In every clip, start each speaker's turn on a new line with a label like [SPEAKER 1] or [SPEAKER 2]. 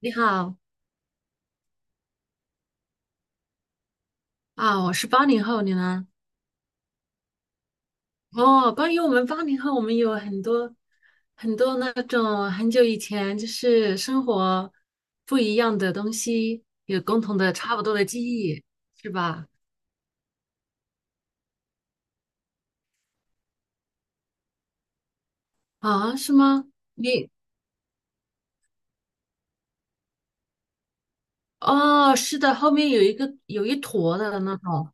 [SPEAKER 1] 你好啊，我是八零后，你呢？哦，关于我们八零后，我们有很多那种很久以前就是生活不一样的东西，有共同的差不多的记忆，是吧？啊，是吗？你哦，是的，后面有一个有一坨的那种，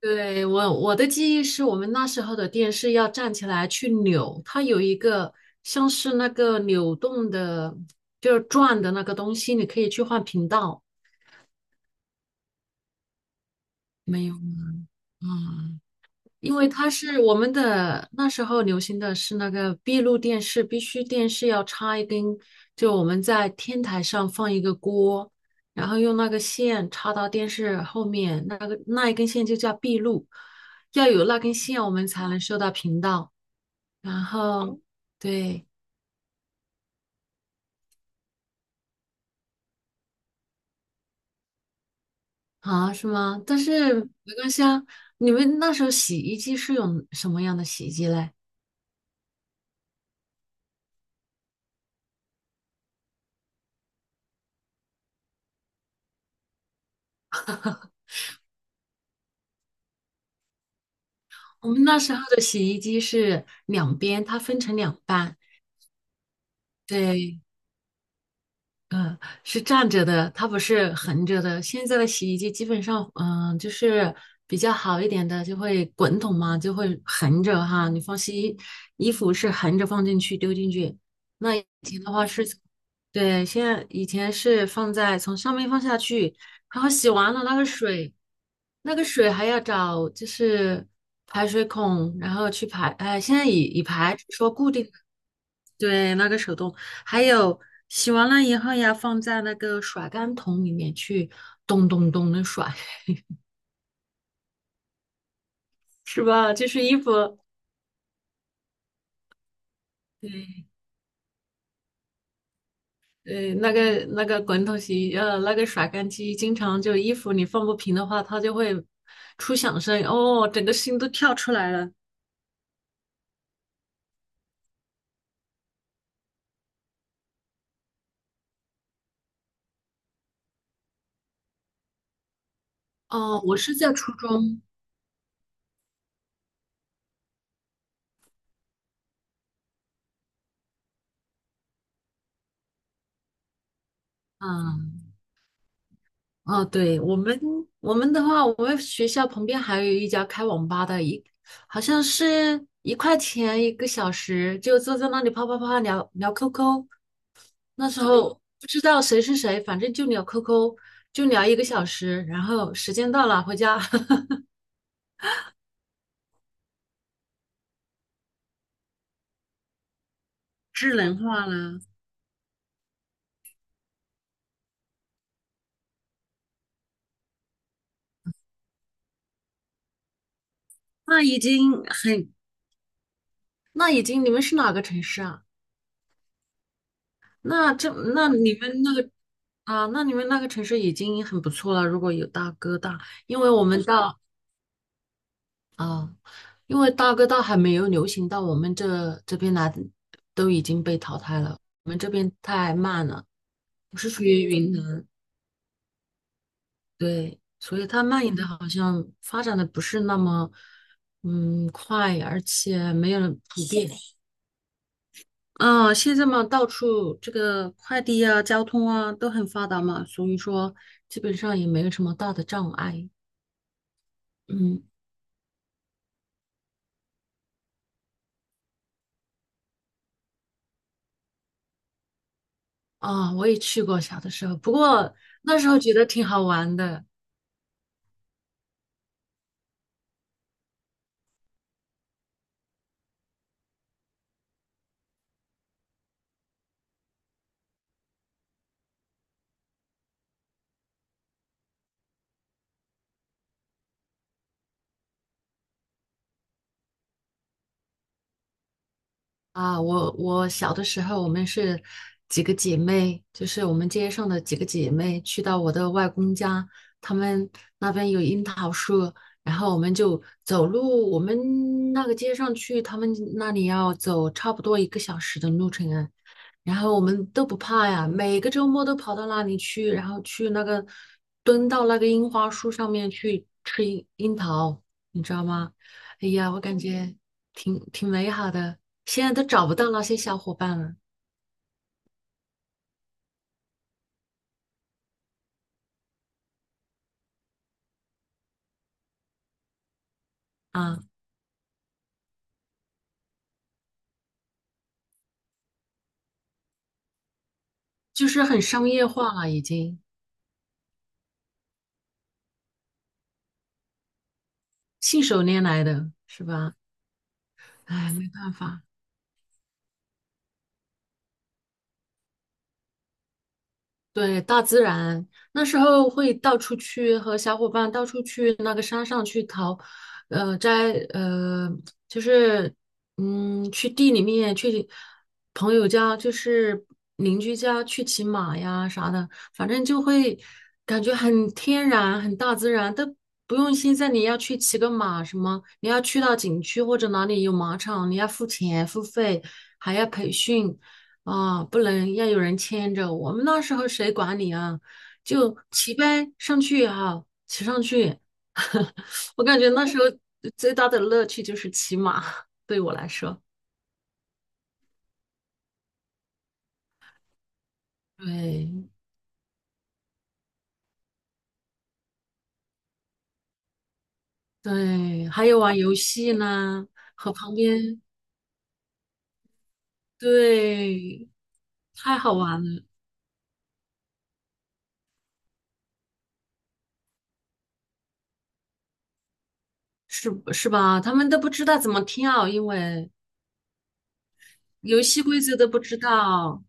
[SPEAKER 1] 对，我的记忆是我们那时候的电视要站起来去扭，它有一个像是那个扭动的，就是转的那个东西，你可以去换频道。没有吗？嗯，因为它是我们的那时候流行的是那个闭路电视，必须电视要插一根，就我们在天台上放一个锅，然后用那个线插到电视后面，那一根线就叫闭路，要有那根线我们才能收到频道。然后对啊，是吗？但是没关系啊。你们那时候洗衣机是用什么样的洗衣机嘞？我们那时候的洗衣机是两边，它分成两半，对，嗯，是站着的，它不是横着的。现在的洗衣机基本上，就是比较好一点的，就会滚筒嘛，就会横着哈。你放洗衣服是横着放进去丢进去，那以前的话是，对，现在以前是放在从上面放下去，然后洗完了那个水，那个水还要找就是排水孔，然后去排。哎，现在以排是说固定。对，那个手动，还有洗完了以后要放在那个甩干桶里面去咚咚咚的甩，是吧？就是衣服，对，那个滚筒洗，那个甩干机，经常就衣服你放不平的话，它就会出响声，哦，整个心都跳出来了。哦，我是在初中，嗯，哦，对，我们的话，我们学校旁边还有一家开网吧的，好像是一块钱一个小时，就坐在那里啪啪啪聊聊 QQ。那时候不知道谁是谁，反正就聊 QQ，就聊一个小时，然后时间到了回家，智能化了。那已经很，那已经你们是哪个城市啊？那这那你们那个啊，那你们那个城市已经很不错了，如果有大哥大。因为我们到啊，因为大哥大还没有流行到我们这边来，都已经被淘汰了。我们这边太慢了，我是属于云南，对，所以它蔓延的好像发展的不是那么快，而且没有普遍。啊，现在嘛，到处这个快递啊、交通啊都很发达嘛，所以说基本上也没有什么大的障碍。嗯，啊，我也去过小的时候，不过那时候觉得挺好玩的。啊，我小的时候，我们是几个姐妹，就是我们街上的几个姐妹，去到我的外公家，他们那边有樱桃树，然后我们就走路，我们那个街上去他们那里要走差不多一个小时的路程啊，然后我们都不怕呀，每个周末都跑到那里去，然后去那个蹲到那个樱花树上面去吃樱桃，你知道吗？哎呀，我感觉挺美好的，现在都找不到那些小伙伴了啊，就是很商业化了，已经信手拈来的是吧？哎，没办法。对，大自然，那时候会到处去和小伙伴到处去那个山上去淘，呃，摘呃，就是去地里面去朋友家，就是邻居家去骑马呀啥的，反正就会感觉很天然、很大自然，都不用现在你要去骑个马什么，你要去到景区或者哪里有马场，你要付钱付费，还要培训。啊，不能要有人牵着。我们那时候谁管你啊？就骑呗，上去啊，骑上去。我感觉那时候最大的乐趣就是骑马，对我来说。对对，还有玩游戏呢，和旁边，对，太好玩了，是吧？他们都不知道怎么跳，因为游戏规则都不知道。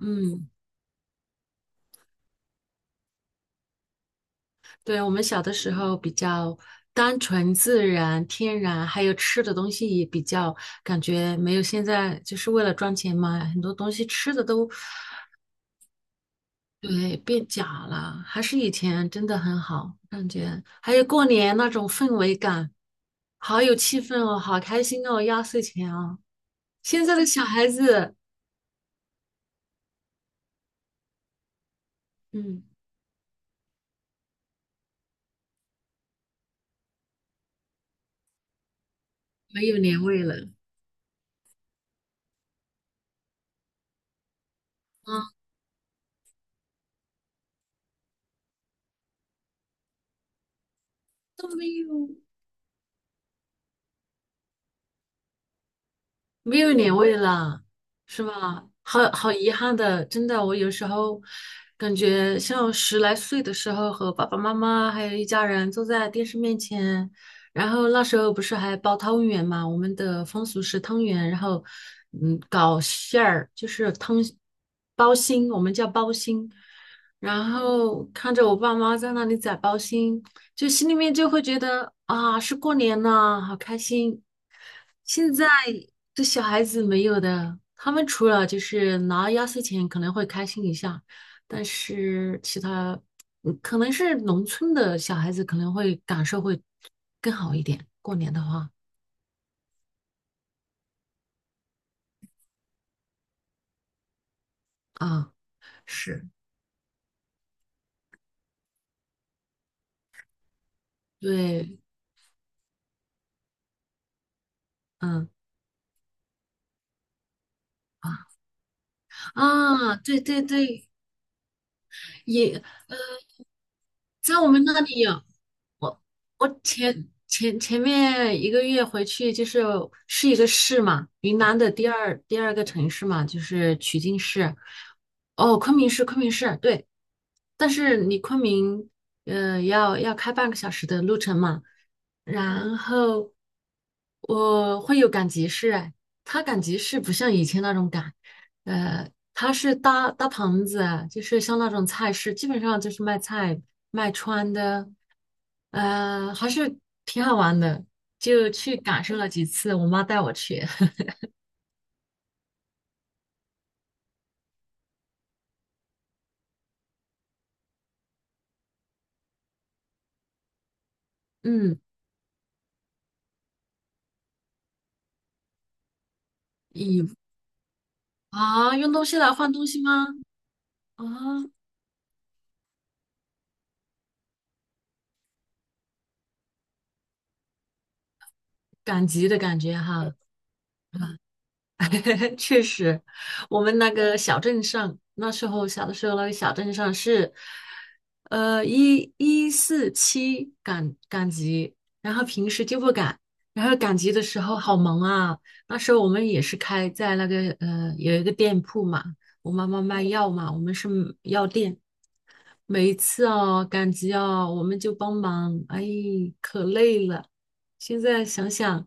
[SPEAKER 1] 嗯。对，我们小的时候比较单纯、自然、天然，还有吃的东西也比较感觉没有现在就是为了赚钱嘛，很多东西吃的都对变假了，还是以前真的很好，感觉还有过年那种氛围感，好有气氛哦，好开心哦，压岁钱哦，现在的小孩子，嗯，没有年味了，啊，都没有，没有年味了，是吧？好遗憾的，真的，我有时候感觉像十来岁的时候，和爸爸妈妈还有一家人坐在电视面前，然后那时候不是还包汤圆嘛，我们的风俗是汤圆，然后搞馅儿，就是汤包心，我们叫包心，然后看着我爸妈在那里宰包心，就心里面就会觉得啊，是过年了，好开心。现在这小孩子没有的，他们除了就是拿压岁钱可能会开心一下，但是其他，可能是农村的小孩子可能会感受会更好一点。过年的话，啊，是，对，嗯，啊啊，对，也。在我们那里有，我前面一个月回去就是是一个市嘛，云南的第二个城市嘛，就是曲靖市。哦，昆明市，对。但是你昆明，要开半个小时的路程嘛。然后我会有赶集市，哎，它赶集市不像以前那种赶，呃，他是搭棚子啊，就是像那种菜市，基本上就是卖菜、卖穿的，还是挺好玩的，就去感受了几次。我妈带我去，嗯，以啊，用东西来换东西吗？啊，赶集的感觉哈，确实，我们那个小镇上，那时候小的时候，那个小镇上是，四七赶集，然后平时就不赶，然后赶集的时候好忙啊。那时候我们也是开在那个有一个店铺嘛，我妈妈卖药嘛，我们是药店。每一次哦赶集哦，我们就帮忙，哎，可累了。现在想想，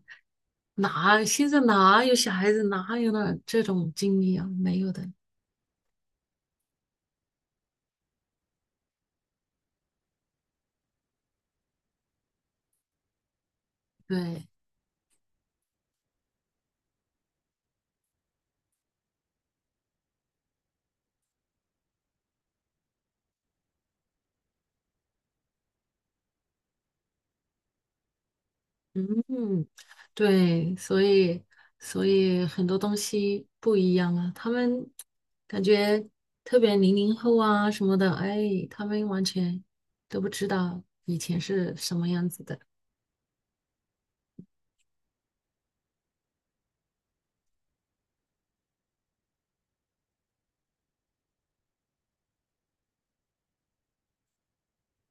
[SPEAKER 1] 哪现在哪有小孩子哪有那这种经历啊？没有的。对，嗯，对，所以很多东西不一样啊。他们感觉特别零零后啊什么的，哎，他们完全都不知道以前是什么样子的。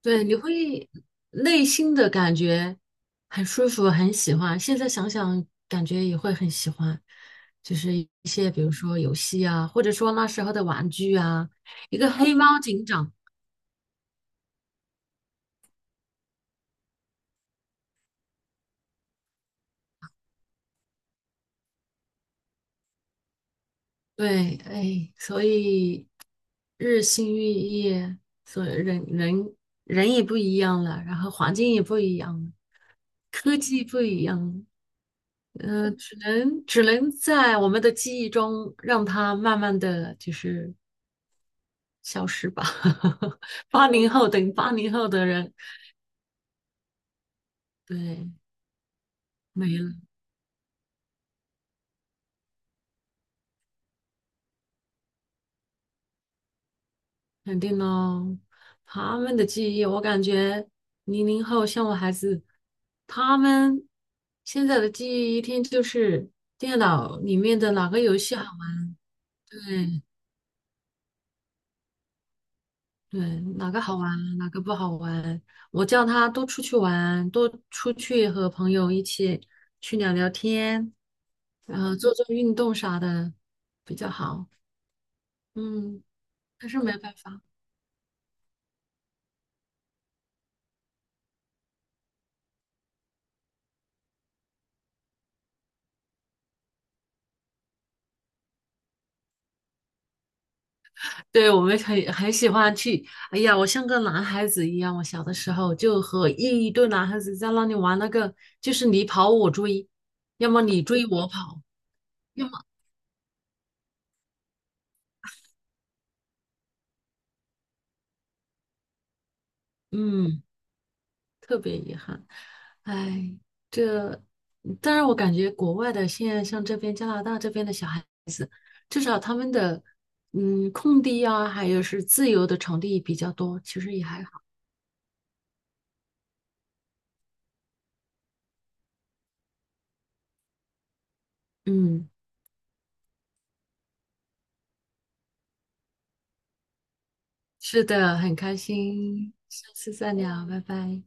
[SPEAKER 1] 对，你会内心的感觉很舒服，很喜欢。现在想想，感觉也会很喜欢，就是一些比如说游戏啊，或者说那时候的玩具啊，一个黑猫警长。对，哎，所以日新月异，所以人也不一样了，然后环境也不一样了，科技不一样了，只能在我们的记忆中让它慢慢的就是。消失吧。八零后等于八零后的人，对，没了，肯定喽。他们的记忆，我感觉零零后像我孩子，他们现在的记忆一天就是电脑里面的哪个游戏好玩，对对，哪个好玩，哪个不好玩。我叫他多出去玩，多出去和朋友一起去聊聊天，然后做做运动啥的比较好。嗯。可是没办法，对，我们很喜欢去。哎呀，我像个男孩子一样，我小的时候就和一堆男孩子在那里玩那个，就是你跑我追，要么你追我跑，要么嗯，特别遗憾。哎，这，但是我感觉国外的现在像这边加拿大这边的小孩，至少他们的空地啊，还有是自由的场地比较多，其实也还好。嗯，是的，很开心，下次再聊，拜拜。